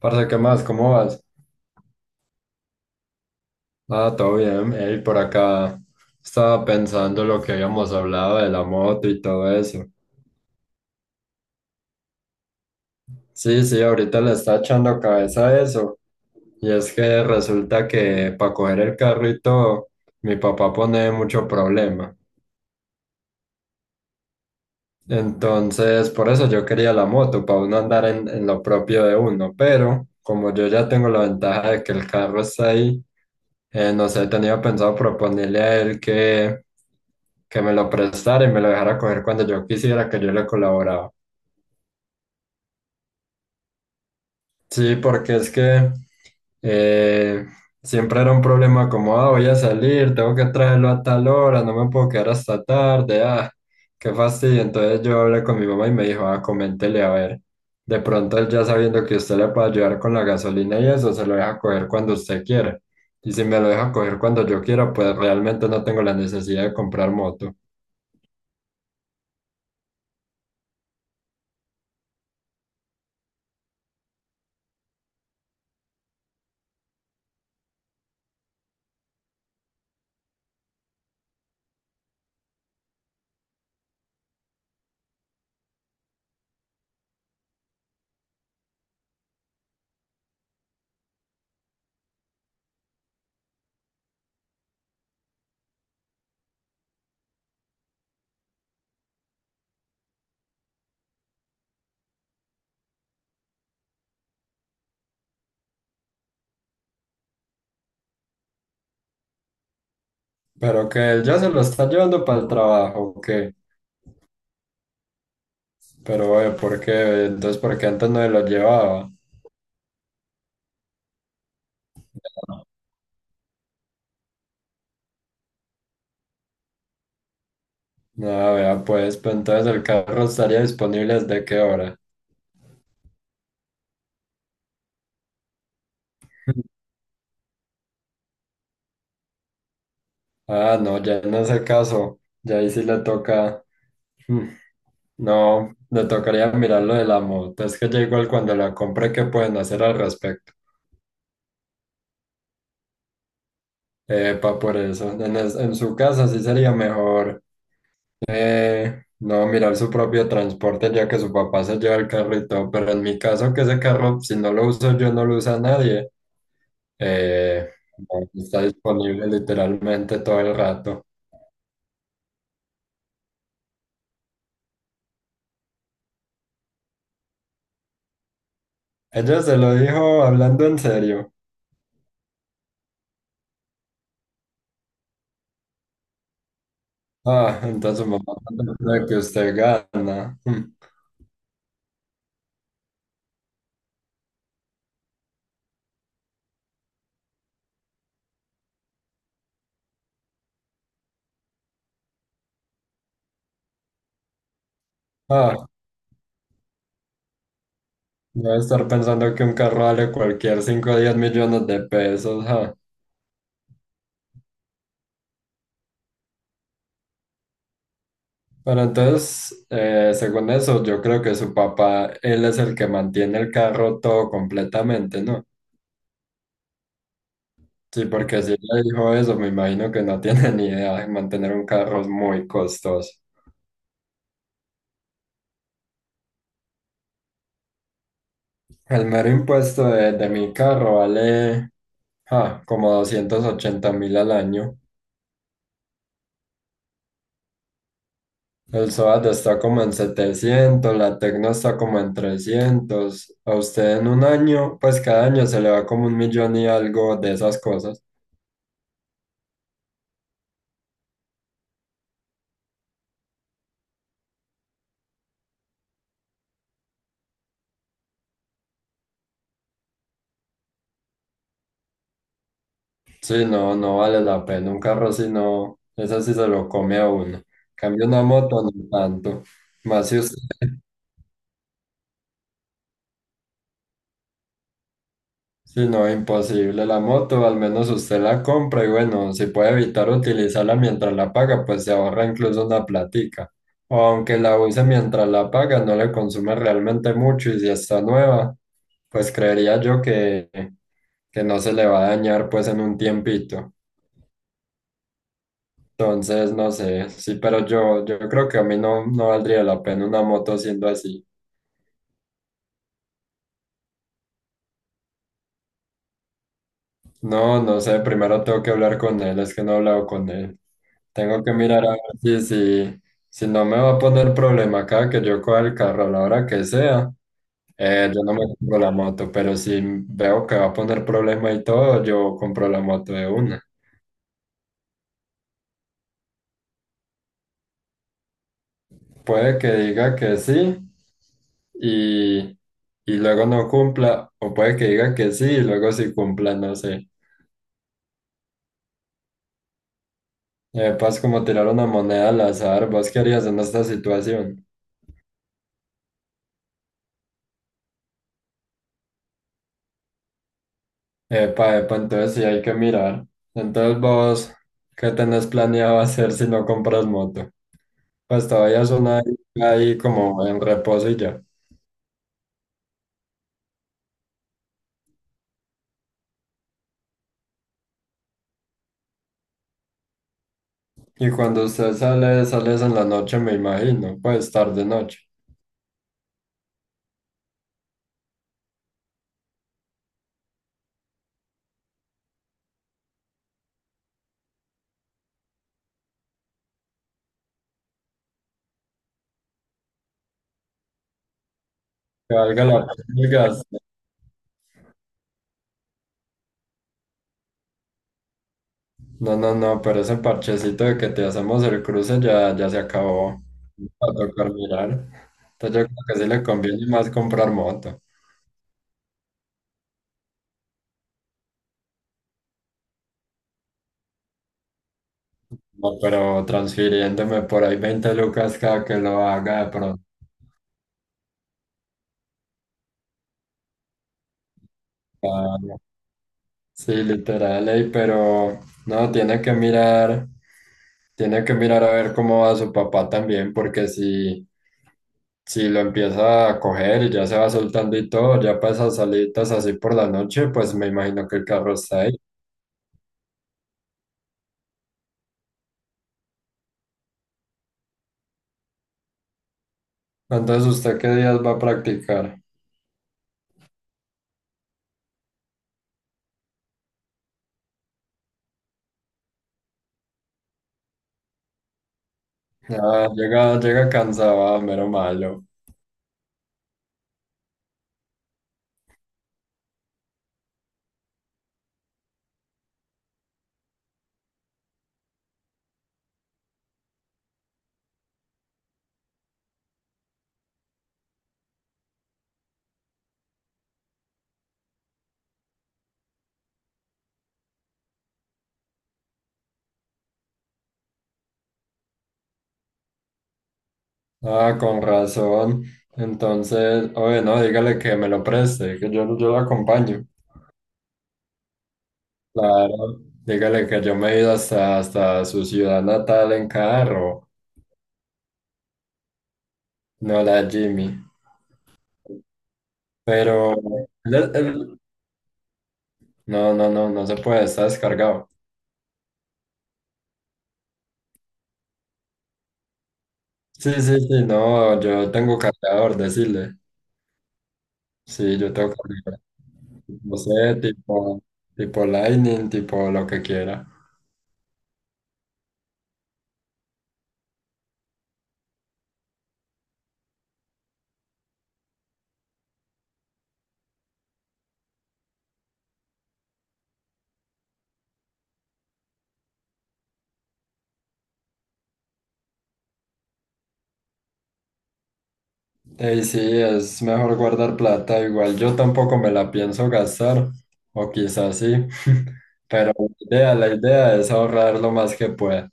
Parce, ¿qué más? ¿Cómo vas? Ah, todo bien. Ey, por acá estaba pensando lo que habíamos hablado de la moto y todo eso. Sí, sí, ahorita le está echando cabeza a eso. Y es que resulta que para coger el carrito, mi papá pone mucho problema. Entonces, por eso yo quería la moto, para uno andar en lo propio de uno, pero como yo ya tengo la ventaja de que el carro está ahí, no sé, tenía pensado proponerle a él que me lo prestara y me lo dejara coger cuando yo quisiera que yo le colaboraba. Sí, porque es que eh, siempre era un problema como, ah, voy a salir, tengo que traerlo a tal hora, no me puedo quedar hasta tarde, ah, qué fastidio. Entonces yo hablé con mi mamá y me dijo, ah, coméntele a ver. De pronto él ya sabiendo que usted le puede ayudar con la gasolina y eso, se lo deja coger cuando usted quiera. Y si me lo deja coger cuando yo quiera, pues realmente no tengo la necesidad de comprar moto. Pero que él ya se lo está llevando para el trabajo, ¿o qué? Pero, ¿por qué? Entonces, ¿por qué antes no se lo llevaba? Ah, vea, pues, pues entonces el carro estaría disponible desde qué hora. Ah, no, ya en ese caso, ya ahí sí le toca. mm, No, le tocaría mirar lo de la moto. Es que ya igual cuando la compre, ¿qué pueden hacer al respecto? Epa, por eso. En su casa sí sería mejor no mirar su propio transporte ya que su papá se lleva el carro y todo. Pero en mi caso, que ese carro, si no lo uso yo, no lo usa nadie. Eh, está disponible literalmente todo el rato. Ella se lo dijo hablando en serio. Ah, entonces su mamá no cree que usted gana. Mm. Ah, debe estar pensando que un carro vale cualquier 5 o 10 millones de pesos. Ah. Pero entonces, según eso, yo creo que su papá, él es el que mantiene el carro todo completamente, ¿no? Sí, porque si ella dijo eso, me imagino que no tiene ni idea de mantener un carro es muy costoso. El mero impuesto de mi carro vale ah, como 280.000 al año. El SOAT está como en 700, la Tecno está como en 300. A usted en un año, pues cada año se le va como 1 millón y algo de esas cosas. Sí, no, no vale la pena. Un carro si no, eso sí se lo come a uno. En cambio una moto, no tanto. Más si usted. Sí, no, imposible. La moto, al menos usted la compra y bueno, si puede evitar utilizarla mientras la paga, pues se ahorra incluso una platica. O aunque la use mientras la paga, no le consume realmente mucho y si está nueva, pues creería yo que no se le va a dañar pues en un tiempito. Entonces, no sé, sí, pero yo creo que a mí no, no valdría la pena una moto siendo así. No, no sé, primero tengo que hablar con él, es que no he hablado con él. Tengo que mirar a ver si, si, si no me va a poner problema acá, que yo coja el carro a la hora que sea. Yo no me compro la moto, pero si veo que va a poner problema y todo, yo compro la moto de una. Puede que diga que sí y, y luego no cumpla, o puede que diga que sí y luego sí cumpla, no sé. Paz, como tirar una moneda al azar, ¿vos qué harías en esta situación? Epa, epa, entonces sí hay que mirar. Entonces vos, ¿qué tenés planeado hacer si no compras moto? Pues todavía son ahí, ahí como en reposo y ya. Y cuando usted sale, sales en la noche, me imagino, pues tarde noche. Que valga la pena el gasto. No, no, no, pero ese parchecito de que te hacemos el cruce ya, ya se acabó. Va a tocar mirar. Entonces yo creo que sí le conviene más comprar moto. No, pero transfiriéndome por ahí 20 lucas cada que lo haga de pronto. Ah, sí, literal, ey, pero no, tiene que mirar, a ver cómo va su papá también, porque si, si lo empieza a coger y ya se va soltando y todo, ya para esas salidas así por la noche, pues me imagino que el carro está ahí. Entonces, ¿usted qué días va a practicar? Ah, llega, llega cansado, ah, mero malo. Ah, con razón. Entonces, oye, no, dígale que me lo preste, que yo lo acompaño. Claro, dígale que yo me he ido hasta, hasta su ciudad natal en carro, no la Jimmy. Pero él- él- no, no, no, no se puede, está descargado. Sí, sí, sí, no, yo tengo cargador, decirle. Sí, yo tengo cargador. No sé, tipo Lightning, tipo lo que quiera. Ey, sí, es mejor guardar plata, igual yo tampoco me la pienso gastar, o quizás sí, pero la idea es ahorrar lo más que pueda.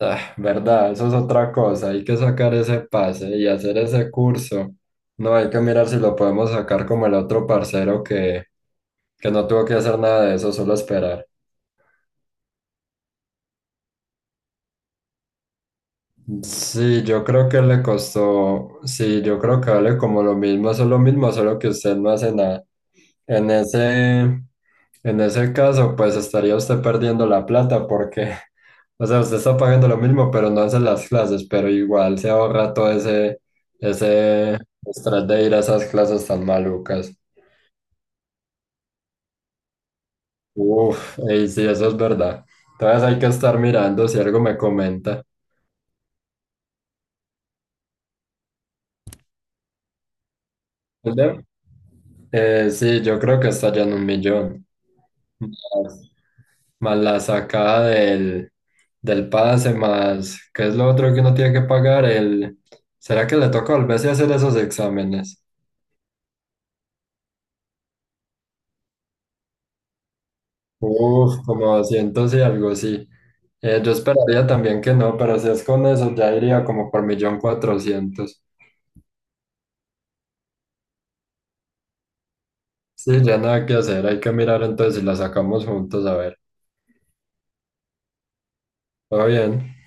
Ah, ¿verdad? Eso es otra cosa, hay que sacar ese pase y hacer ese curso. No hay que mirar si lo podemos sacar como el otro parcero que no tuvo que hacer nada de eso, solo esperar. Sí, yo creo que le costó, sí, yo creo que vale como lo mismo, eso es lo mismo, solo que usted no hace nada. En ese, en ese caso, pues estaría usted perdiendo la plata porque, o sea, usted está pagando lo mismo, pero no hace las clases, pero igual se ahorra todo ese estrés de ir a esas clases tan malucas. Uf, y sí, eso es verdad. Entonces hay que estar mirando si algo me comenta. ¿Verdad? Sí, yo creo que está ya en 1 millón. Más, Más la sacada del pase, más, ¿qué es lo otro que uno tiene que pagar? El, ¿será que le toca volverse a hacer esos exámenes? Uf, como 200 y algo, sí. Yo esperaría también que no, pero si es con eso, ya iría como por 1.400.000. Sí, ya nada que hacer, hay que mirar entonces si la sacamos juntos, a ver. ¿Todo bien?